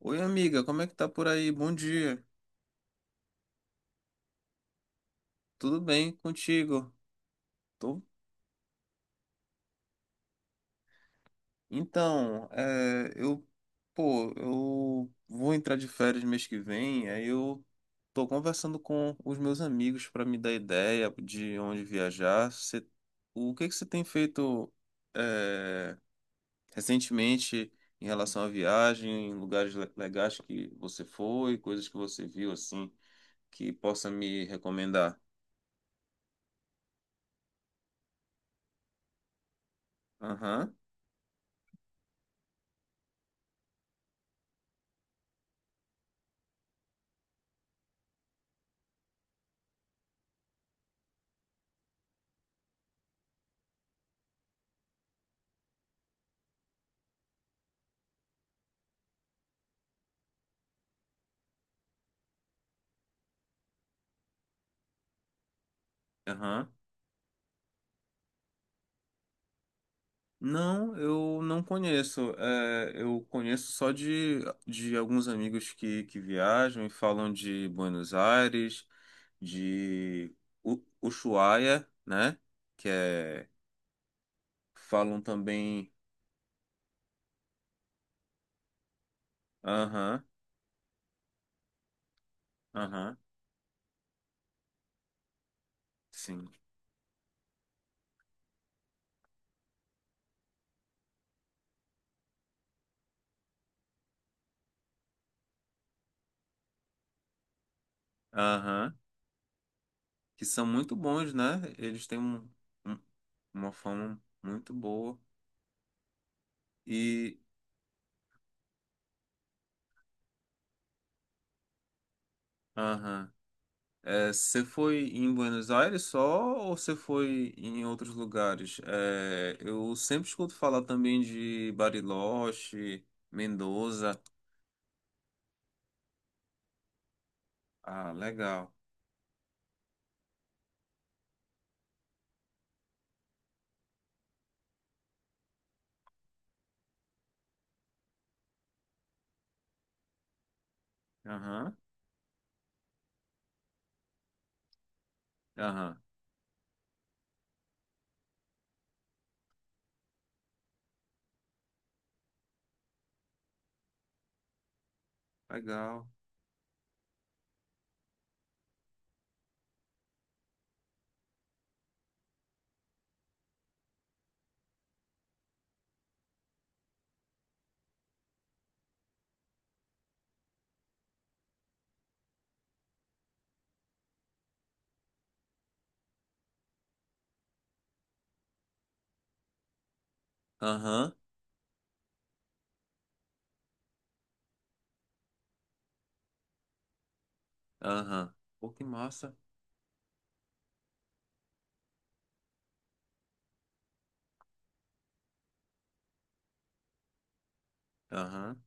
Oi, amiga, como é que tá por aí? Bom dia. Tudo bem contigo? Tô. Então, pô, eu vou entrar de férias mês que vem, aí eu tô conversando com os meus amigos para me dar ideia de onde viajar. O que que você tem feito, é, recentemente em relação à viagem, lugares legais que você foi, coisas que você viu assim, que possa me recomendar? Aham, aham. Não, eu não conheço. Eu conheço só de alguns amigos que viajam e falam de Buenos Aires, de Ushuaia, né? Que é, falam também. Aham, aham, sim. Aham, que são muito bons, né? Eles têm um- uma fama muito boa. E. Aham. Você foi em Buenos Aires só ou você foi em outros lugares? Eu sempre escuto falar também de Bariloche, Mendoza. Ah, legal. Aham, aham, legal. Aham, aham. Pô, que massa. Aham,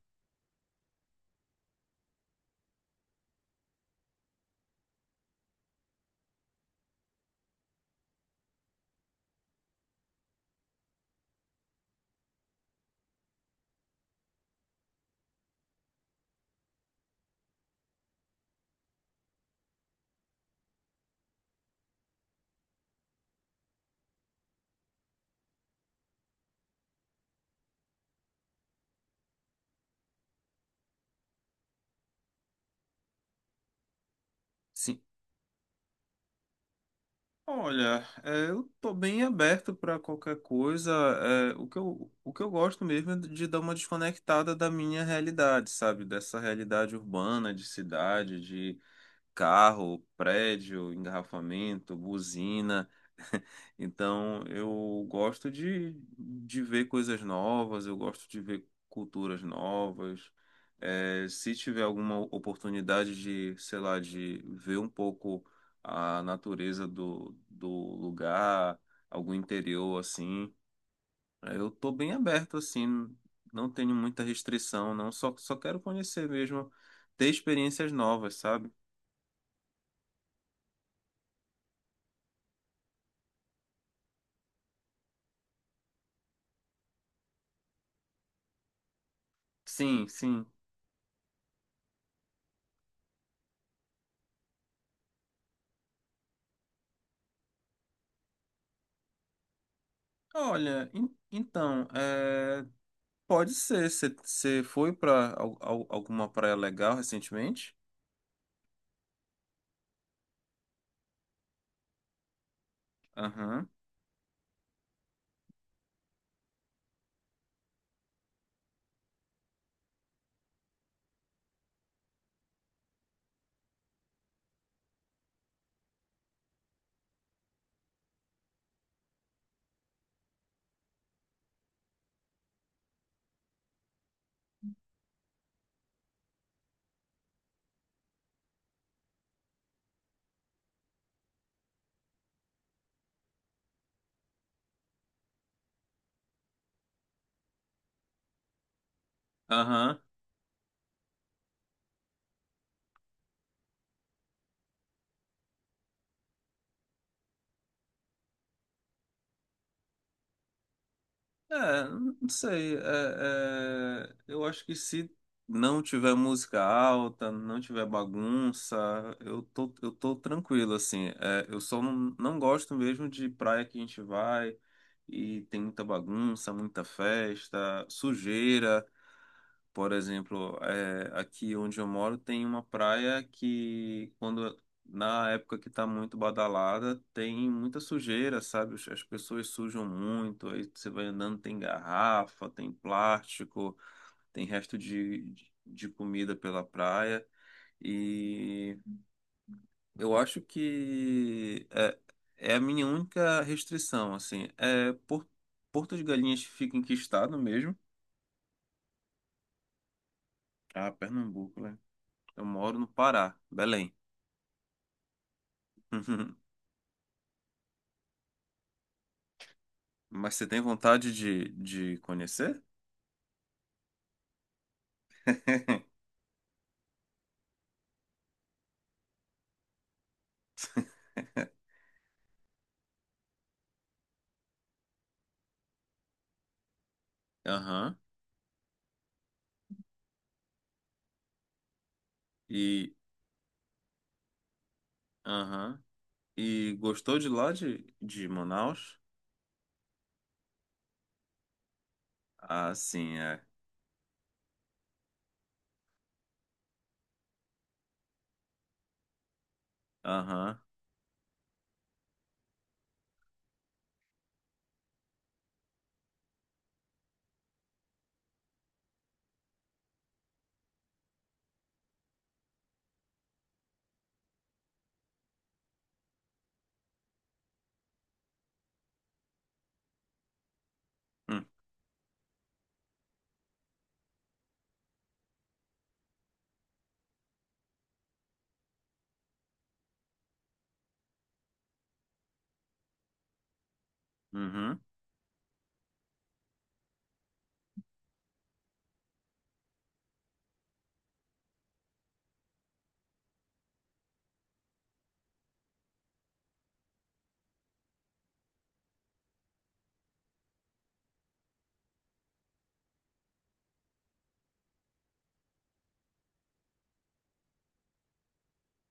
sim. Olha, eu tô bem aberto para qualquer coisa. O que eu gosto mesmo é de dar uma desconectada da minha realidade, sabe? Dessa realidade urbana, de cidade, de carro, prédio, engarrafamento, buzina. Então, eu gosto de ver coisas novas, eu gosto de ver culturas novas. Se tiver alguma oportunidade sei lá, de ver um pouco a natureza do lugar, algum interior assim, eu tô bem aberto assim, não tenho muita restrição, não, só quero conhecer mesmo, ter experiências novas, sabe? Sim, sim. Olha, então, pode ser. Você foi para alguma praia legal recentemente? Aham. Aham. É, não sei. Eu acho que se não tiver música alta, não tiver bagunça, eu tô tranquilo, assim. Eu só não gosto mesmo de praia que a gente vai e tem muita bagunça, muita festa, sujeira. Por exemplo, aqui onde eu moro tem uma praia que, quando na época que está muito badalada, tem muita sujeira, sabe? As pessoas sujam muito, aí você vai andando, tem garrafa, tem plástico, tem resto de comida pela praia. E eu acho que é a minha única restrição, assim. Porto de Galinhas fica em que estado mesmo? Ah, Pernambuco, né? Eu moro no Pará, Belém. Uhum. Mas você tem vontade de conhecer? Aham. E, aham. E gostou de lá de Manaus? Ah, sim, é. Aham. Hum. Uhum.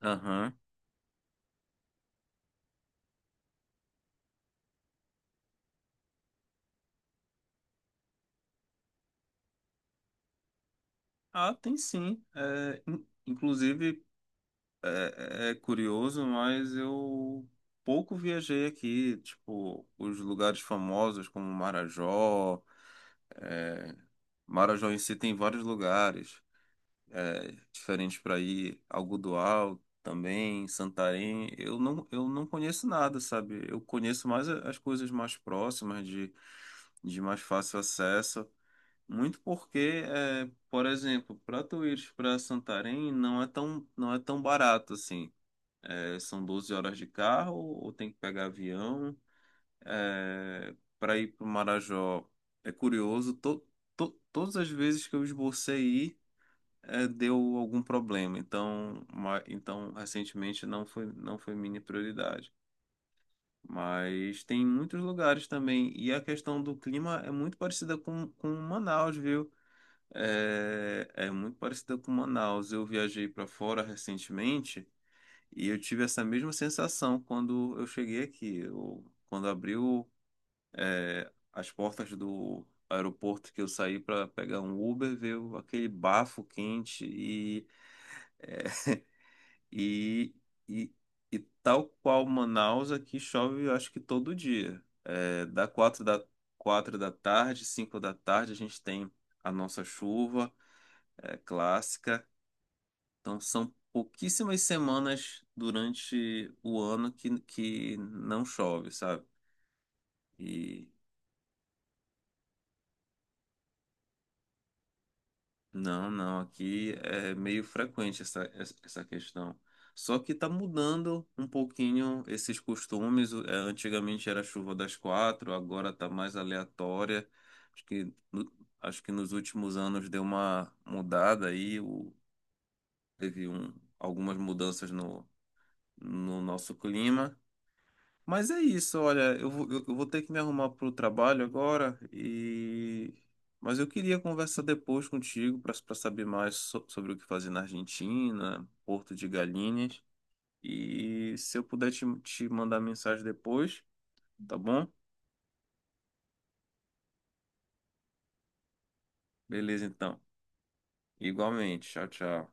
Aham. Ah, tem sim. Inclusive, é curioso, mas eu pouco viajei aqui. Tipo, os lugares famosos como Marajó. é, Marajó em si tem vários lugares. Diferentes para ir, Algodoal também, Santarém. Eu não conheço nada, sabe? Eu conheço mais as coisas mais próximas, de mais fácil acesso. Muito porque, por exemplo, para tu ir para Santarém não é tão barato assim. São 12 horas de carro, ou tem que pegar avião. Para ir para o Marajó é curioso. todas as vezes que eu esbocei ir, deu algum problema. Então, então recentemente não foi minha prioridade. Mas tem muitos lugares também. E a questão do clima é muito parecida com Manaus, viu? É muito parecida com Manaus. Eu viajei para fora recentemente e eu tive essa mesma sensação quando eu cheguei aqui. Quando abriu, as portas do aeroporto que eu saí para pegar um Uber, veio aquele bafo quente. E, e, e tal qual Manaus, aqui chove, eu acho que todo dia. Quatro da tarde, 5 da tarde, a gente tem a nossa chuva, clássica. Então, são pouquíssimas semanas durante o ano que não chove, sabe? E Não, não, aqui é meio frequente essa, essa questão. Só que está mudando um pouquinho esses costumes. Antigamente era chuva das quatro, agora está mais aleatória. Acho que, acho que nos últimos anos deu uma mudada aí, teve algumas mudanças no nosso clima. Mas é isso, olha, eu vou ter que me arrumar para o trabalho agora mas eu queria conversar depois contigo para saber mais sobre o que fazer na Argentina, Porto de Galinhas e se eu puder te mandar mensagem depois, tá bom? Beleza, então. Igualmente. Tchau, tchau.